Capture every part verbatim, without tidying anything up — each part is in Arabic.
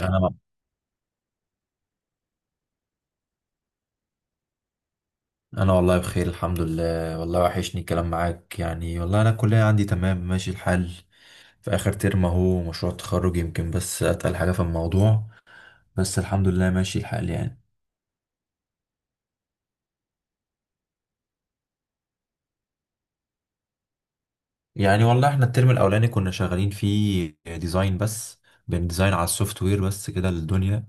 انا انا والله بخير، الحمد لله. والله وحشني الكلام معاك يعني. والله انا الكليه عندي تمام، ماشي الحال. في اخر ترم اهو، مشروع تخرج، يمكن بس اتقل حاجه في الموضوع. بس الحمد لله ماشي الحال يعني يعني والله احنا الترم الاولاني كنا شغالين فيه ديزاين بس. بنديزاين على السوفت وير بس كده للدنيا.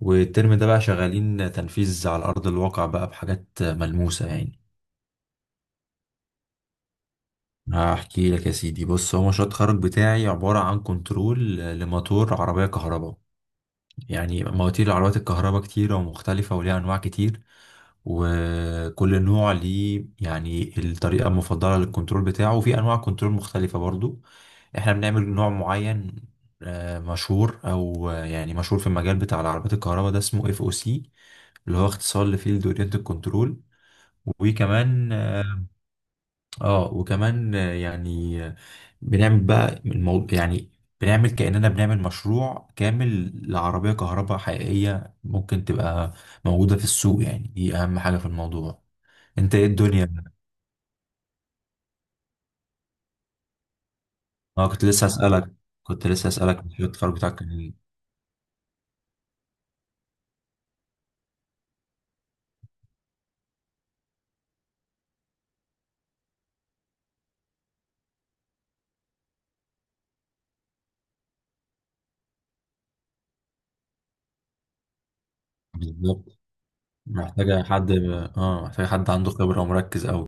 والترم ده بقى شغالين تنفيذ على ارض الواقع بقى بحاجات ملموسه يعني. هحكي لك يا سيدي، بص، هو مشروع التخرج بتاعي عبارة عن كنترول لموتور عربية كهرباء. يعني مواتير العربيات الكهرباء كتيرة ومختلفة وليها أنواع كتير. وكل نوع ليه يعني الطريقة المفضلة للكنترول بتاعه، وفي أنواع كنترول مختلفة برضو. احنا بنعمل نوع معين آه، مشهور، أو آه، يعني مشهور في المجال بتاع العربيات الكهرباء ده، اسمه اف او سي، اللي هو اختصار لفيلد اورينتد كنترول. وكمان آه، اه وكمان آه، يعني آه، بنعمل بقى الموضوع يعني. بنعمل كأننا بنعمل مشروع كامل لعربية كهرباء حقيقية ممكن تبقى موجودة في السوق، يعني دي أهم حاجة في الموضوع. انت ايه الدنيا؟ اه، كنت لسه هسألك كنت لسه هسألك مشروع التخرج بتاعك كان إيه؟ بالظبط. محتاجة حد اه محتاجة حد عنده خبرة ومركز أوي.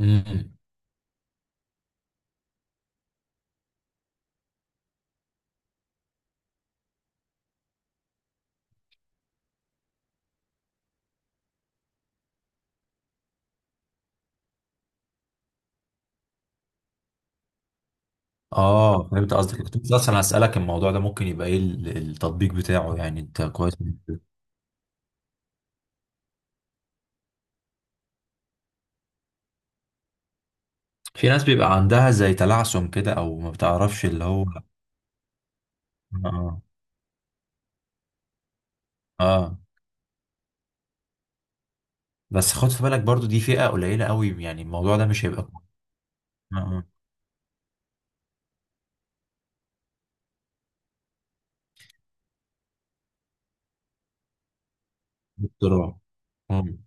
امم. اه، فهمت قصدك. كنت لسه اصلا هسألك الموضوع ده ممكن يبقى ايه ال- التطبيق بتاعه يعني. انت كويس. في ناس بيبقى عندها زي تلعثم كده، او ما بتعرفش اللي هو اه. اه. آه. بس خد في بالك برضو دي فئة قليلة قوي، يعني الموضوع ده مش هيبقى اه. اه. اضطراب. مم.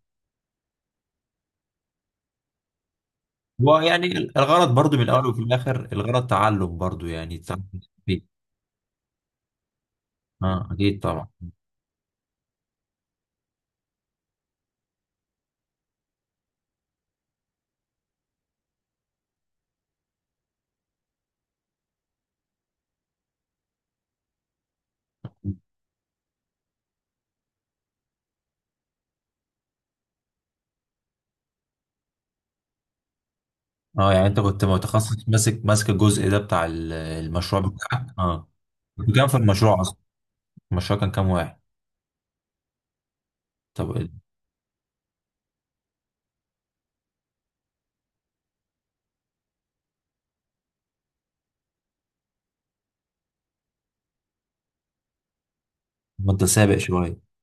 هو يعني الغرض برضو من الاول وفي الاخر الغرض تعلم برضو، يعني تعلم فيه. اه، اكيد طبعا. اه، يعني انت كنت متخصص، ماسك ماسك الجزء ده بتاع ال- المشروع بتاعك، اه. كنت كام في المشروع اصلا؟ المشروع كان كام واحد؟ طب ما انت سابق شوية.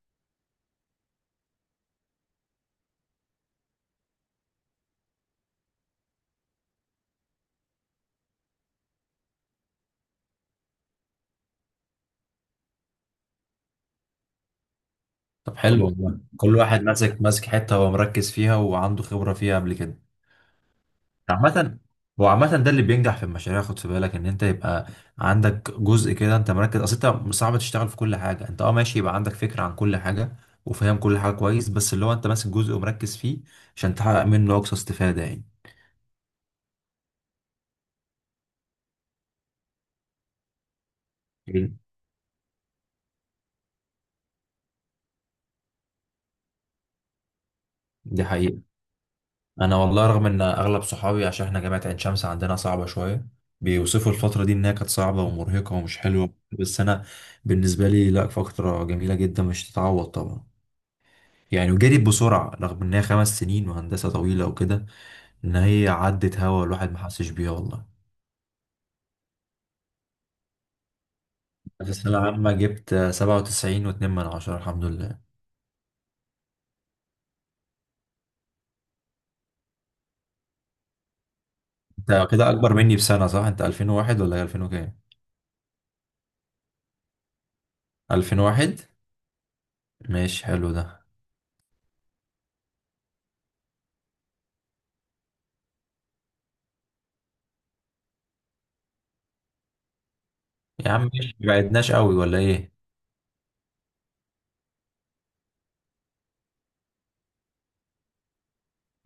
طب حلو والله، كل واحد ماسك ماسك حتة هو مركز فيها وعنده خبرة فيها قبل كده. عامة، هو عامة ده اللي بينجح في المشاريع. خد في بالك ان انت يبقى عندك جزء كده انت مركز اصل. انت صعب تشتغل في كل حاجة، انت اه ماشي، يبقى عندك فكرة عن كل حاجة وفاهم كل حاجة كويس، بس اللي هو انت ماسك جزء ومركز فيه عشان تحقق منه اقصى استفادة يعني. دي حقيقة. انا والله رغم ان اغلب صحابي، عشان احنا جامعة عين شمس عندنا صعبة شوية، بيوصفوا الفترة دي انها كانت صعبة ومرهقة ومش حلوة، بس انا بالنسبة لي لا، فترة جميلة جدا مش تتعوض طبعا. يعني وجريت بسرعة، رغم انها خمس سنين وهندسة طويلة وكده، ان هي عدت، هوا الواحد ما حسش بيها والله. في السنة العامة جبت سبعة وتسعين واتنين من عشرة، الحمد لله. انت كده اكبر مني بسنة صح؟ انت الفين وواحد ولا هي الفين وكام؟ الفين واحد. ماشي، حلو ده. يا عم ماشي، مبعدناش قوي ولا ايه؟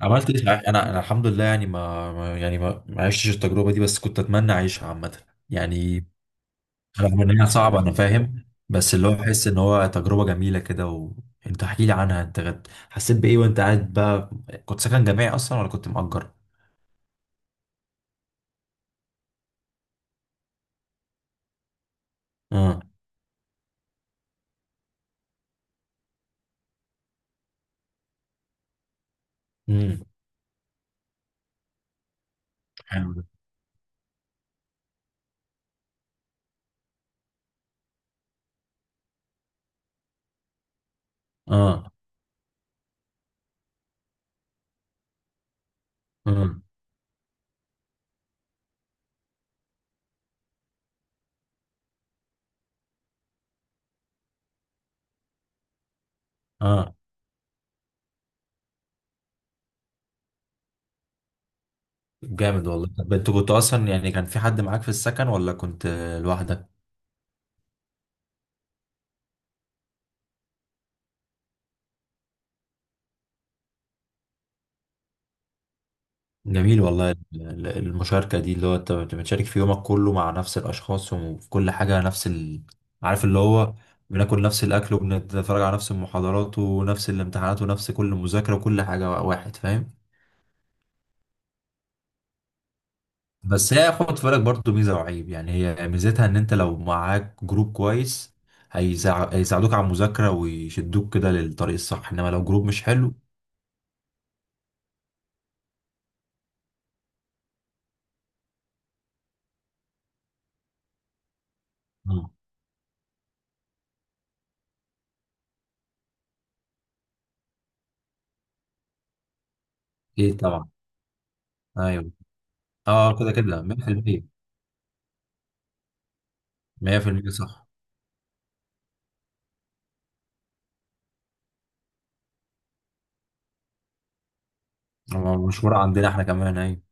عملت ايه صحيح؟ انا انا الحمد لله يعني ما ما- يعني ما ما عشتش التجربه دي، بس كنت اتمنى اعيشها عامه يعني. رغم انها صعبه انا فاهم، بس اللي هو احس ان هو تجربه جميله كده، وانت احكي لي عنها انت غد- حسيت بايه وانت قاعد بقى؟ كنت سكن جامعي اصلا ولا كنت مأجر؟ اه. امم. حلو ده. اه. اه. اه. جامد والله. طب انت كنت اصلا يعني كان في حد معاك في السكن ولا كنت لوحدك؟ جميل والله. ال- ال- المشاركة دي اللي هو انت بت- بتشارك في يومك كله مع نفس الأشخاص، وفي كل حاجة نفس ال... عارف اللي هو بناكل نفس الأكل، وبنتفرج على نفس المحاضرات ونفس الامتحانات ونفس كل مذاكرة وكل حاجة، واحد فاهم. بس هي خد في بالك برضه ميزة وعيب، يعني هي ميزتها إن أنت لو معاك جروب كويس هيساع- هيساعدوك على المذاكرة ويشدوك كده للطريق الصح، إنما لو جروب مش حلو. مم. ايه طبعا. ايوه. اه كده كده مية بالمية. مية في المية صح. مشهورة عندنا احنا كمان ايوه.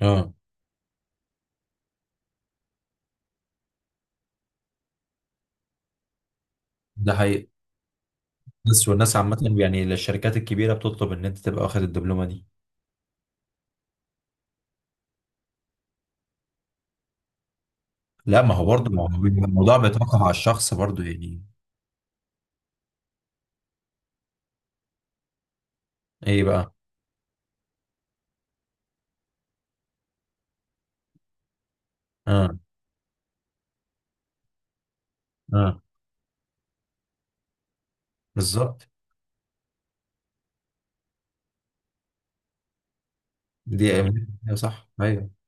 اه، ده حقيقي. بس والناس عامة يعني الشركات الكبيرة بتطلب ان انت تبقى واخد الدبلومة دي. لا ما هو برضه، ما هو بيبقى الموضوع بيتوقف على الشخص برضه يعني. ايه بقى؟ اه. اه. بالظبط. دي أيوة. صح ايوه.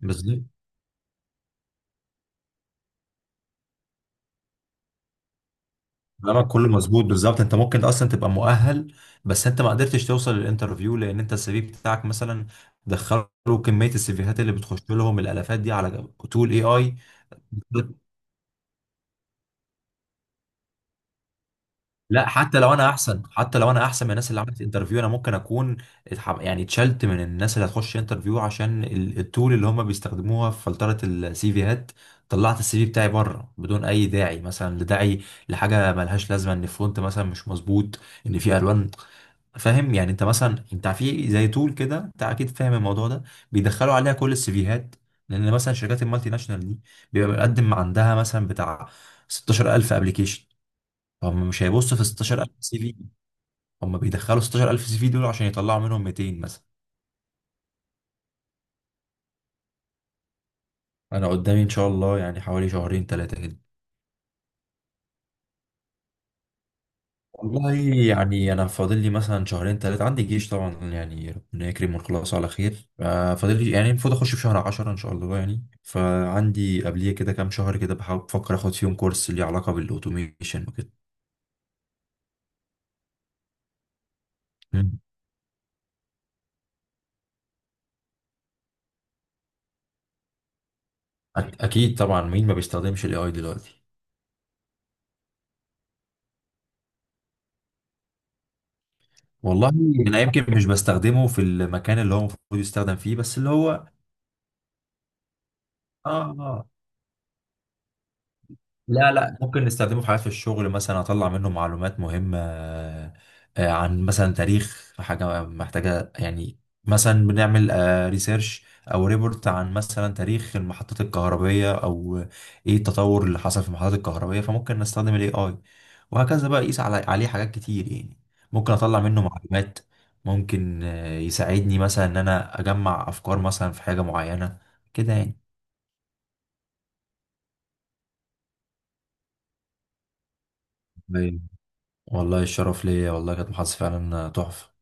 بالظبط. كلامك كله مظبوط بالظبط. انت ممكن اصلا تبقى مؤهل، بس انت ما قدرتش توصل للانترفيو لان انت السي في بتاعك مثلا دخلوا كمية السيفيهات اللي بتخش لهم، الالافات دي على طول اي اي. لا، حتى لو انا احسن، حتى لو انا احسن من الناس اللي عملت انترفيو، انا ممكن اكون اتح- يعني اتشلت من الناس اللي هتخش انترفيو عشان ال- التول اللي هم بيستخدموها في فلترة السي فيهات. طلعت السي في بتاعي بره بدون اي داعي، مثلا لداعي لحاجه ملهاش لازمه، ان الفونت مثلا مش مظبوط، ان في الوان، فاهم يعني. انت مثلا انت في زي تول كده، انت اكيد فاهم الموضوع ده، بيدخلوا عليها كل السي فيهات. لان مثلا شركات المالتي ناشونال دي بيبقى مقدم عندها مثلا بتاع ستاشر الف ابلكيشن. هم مش هيبصوا في ستاشر الف سي في. هم بيدخلوا ستاشر الف سي في دول عشان يطلعوا منهم ميتين مثلا. انا قدامي ان شاء الله يعني حوالي شهرين ثلاثه كده. والله يعني انا فاضل لي مثلا شهرين ثلاثه، عندي جيش طبعا، يعني ربنا يكرم ونخلص على خير. آه، فاضل لي يعني المفروض اخش في شهر عشرة ان شاء الله يعني، فعندي قبليه كده كام شهر كده بحاول بفكر اخد فيهم كورس ليه علاقه بالاوتوميشن وكده. مم. أك- اكيد طبعا، مين ما بيستخدمش الاي اي دلوقتي؟ والله انا يمكن مش بستخدمه في المكان اللي هو المفروض يستخدم فيه، بس اللي هو اه. لا لا، ممكن نستخدمه في حاجات في الشغل، مثلا اطلع منه معلومات مهمة. آه، آه، عن مثلا تاريخ حاجة محتاجة يعني. مثلا بنعمل ريسيرش او ريبورت عن مثلا تاريخ المحطات الكهربية، او ايه التطور اللي حصل في المحطات الكهربية، فممكن نستخدم الاي اي. وهكذا بقى، يقيس على عليه حاجات كتير يعني. ممكن اطلع منه معلومات، ممكن آه، يساعدني مثلا ان انا اجمع افكار مثلا في حاجة معينة كده يعني. والله الشرف ليا، والله كانت محادثة فعلا تحفة.